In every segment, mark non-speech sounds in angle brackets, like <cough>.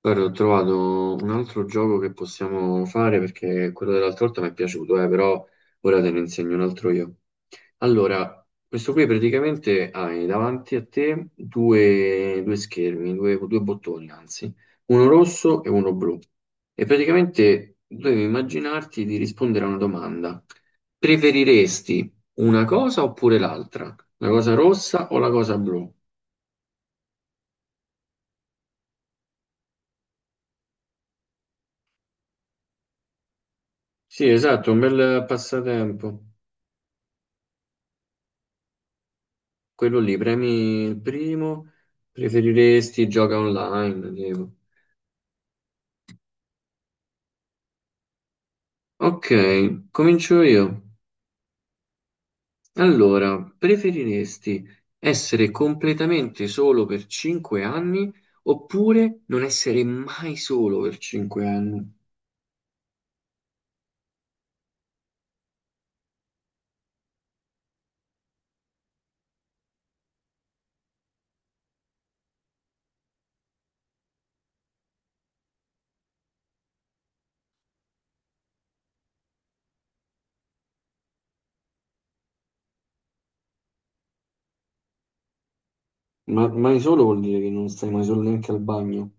Guarda, ho trovato un altro gioco che possiamo fare perché quello dell'altra volta mi è piaciuto, però ora te ne insegno un altro io. Allora, questo qui praticamente hai davanti a te due schermi, due bottoni anzi, uno rosso e uno blu. E praticamente devi immaginarti di rispondere a una domanda. Preferiresti una cosa oppure l'altra? La cosa rossa o la cosa blu? Sì, esatto, un bel passatempo. Quello lì, premi il primo, preferiresti gioca online, tipo. Ok, comincio io. Allora, preferiresti essere completamente solo per 5 anni oppure non essere mai solo per 5 anni? Ma mai solo vuol dire che non stai mai solo neanche al bagno.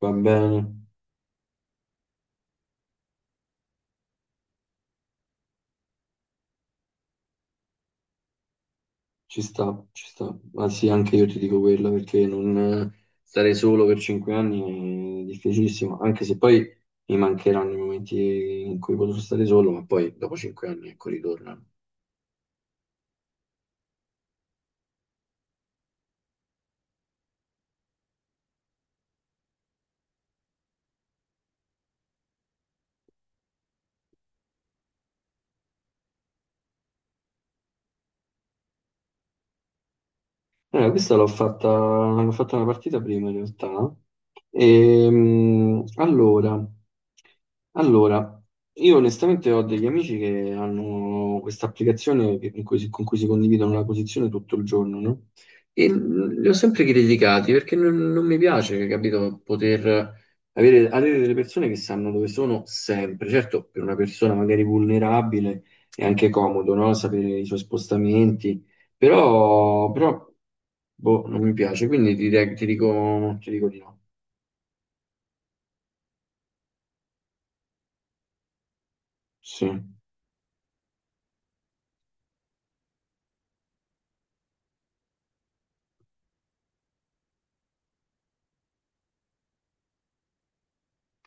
Va bene. Ci sta, ci sta. Anzi, anche io ti dico quella perché non stare solo per 5 anni è difficilissimo, anche se poi mi mancheranno i momenti in cui potrò stare solo, ma poi dopo 5 anni, ecco, ritornano. Questa l'ho fatta una partita prima in realtà. Ehm, allora, allora, io onestamente ho degli amici che hanno questa applicazione con cui si condividono la posizione tutto il giorno, no? E li ho sempre criticati perché non mi piace, capito, poter avere delle persone che sanno dove sono sempre. Certo, per una persona magari vulnerabile è anche comodo, no? Sapere i suoi spostamenti. Però, boh, non mi piace, quindi ti dico di no. Sì,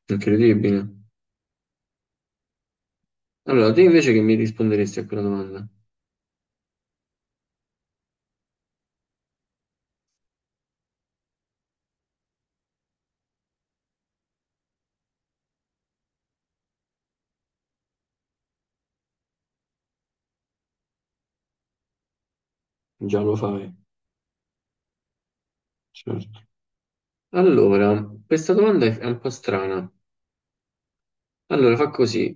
incredibile. Allora, te invece che mi risponderesti a quella domanda? Già lo fai, certo. Allora, questa domanda è un po' strana. Allora, fa così.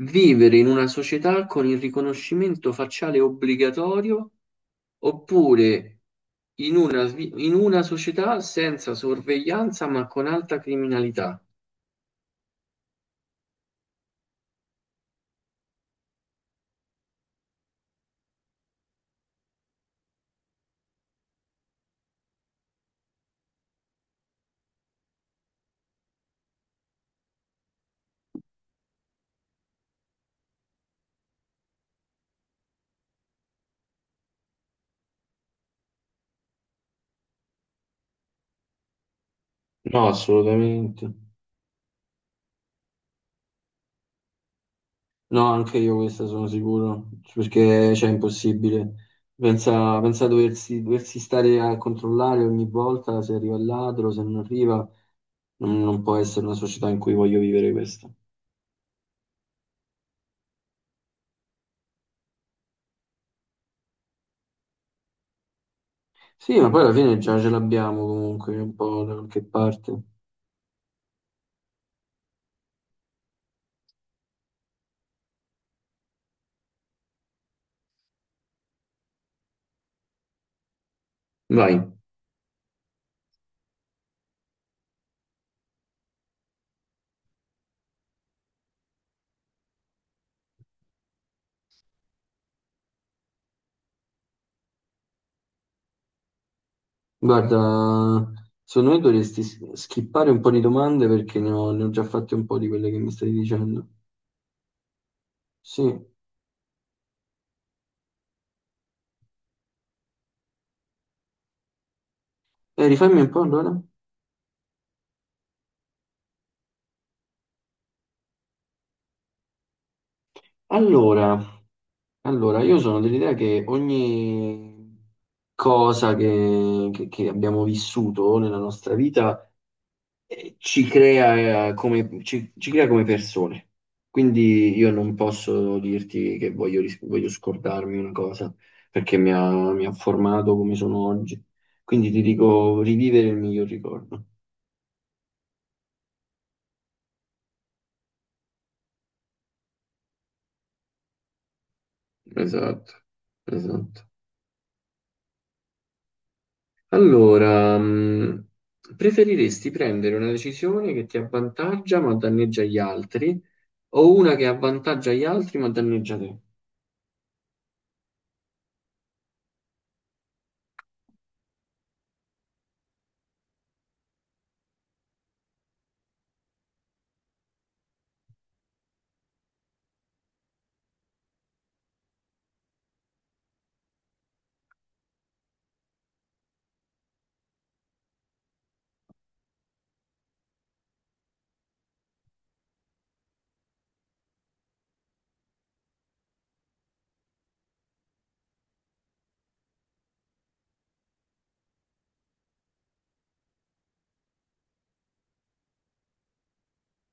Vivere in una società con il riconoscimento facciale obbligatorio oppure in una società senza sorveglianza ma con alta criminalità? No, assolutamente. No, anche io questa sono sicuro, perché cioè, è impossibile. Pensa, pensa a doversi stare a controllare ogni volta se arriva il ladro, se non arriva, non può essere una società in cui voglio vivere questa. Sì, ma poi alla fine già ce l'abbiamo comunque, un po' da qualche parte. Vai. Guarda, secondo me dovresti skippare un po' di domande perché ne ho già fatte un po' di quelle che mi stai dicendo. Sì, e rifammi un po' allora. Allora, Allora, io sono dell'idea che ogni cosa che abbiamo vissuto nella nostra vita ci crea, come, ci, ci crea come persone. Quindi io non posso dirti che voglio scordarmi una cosa, perché mi ha formato come sono oggi. Quindi ti dico rivivere il miglior ricordo. Esatto, esatto. Allora, preferiresti prendere una decisione che ti avvantaggia ma danneggia gli altri o una che avvantaggia gli altri ma danneggia te?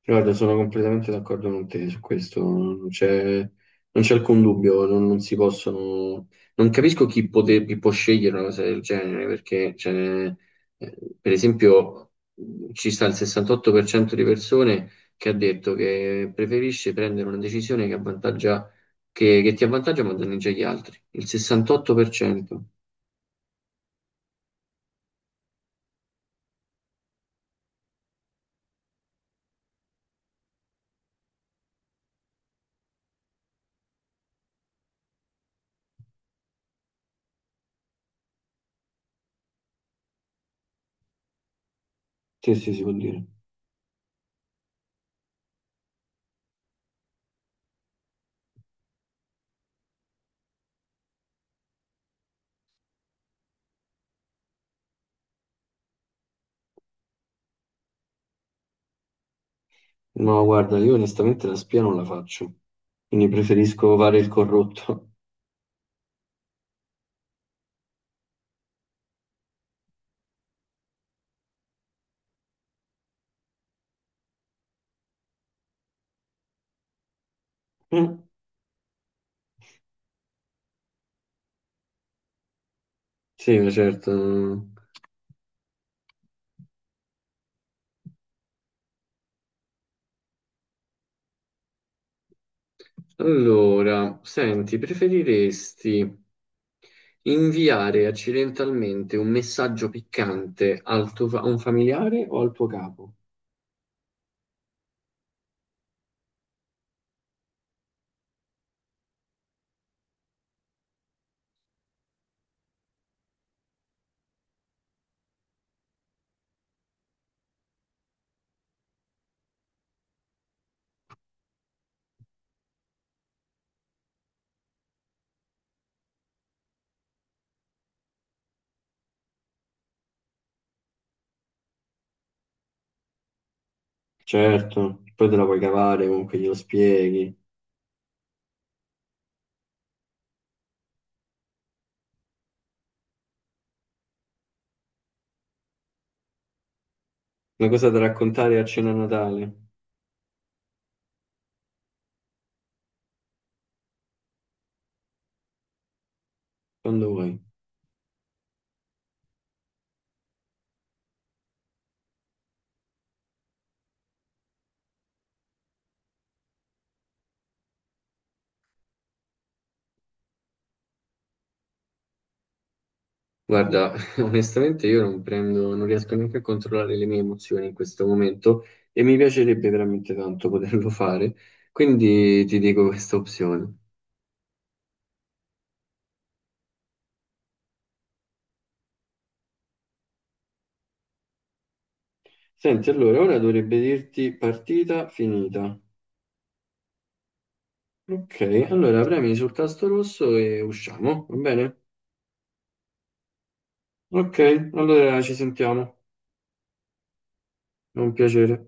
Guarda, sono completamente d'accordo con te su questo, non c'è alcun dubbio, non si possono. Non capisco chi può scegliere una cosa del genere, perché cioè, per esempio ci sta il 68% di persone che ha detto che preferisce prendere una decisione che ti avvantaggia ma danneggia gli altri. Il 68%. Sì, sì, si può dire. No, guarda, io onestamente la spia non la faccio, quindi preferisco fare il corrotto. <laughs> Sì, ma certo. Allora, senti, preferiresti inviare accidentalmente un messaggio piccante a un familiare o al tuo capo? Certo, poi te la puoi cavare comunque glielo spieghi. Una cosa da raccontare a cena a Natale, quando vuoi. Guarda, <laughs> onestamente io non riesco neanche a controllare le mie emozioni in questo momento e mi piacerebbe veramente tanto poterlo fare, quindi ti dico questa opzione. Senti, allora ora dovrebbe dirti partita finita. Ok, allora premi sul tasto rosso e usciamo, va bene? Ok, allora ci sentiamo. È un piacere.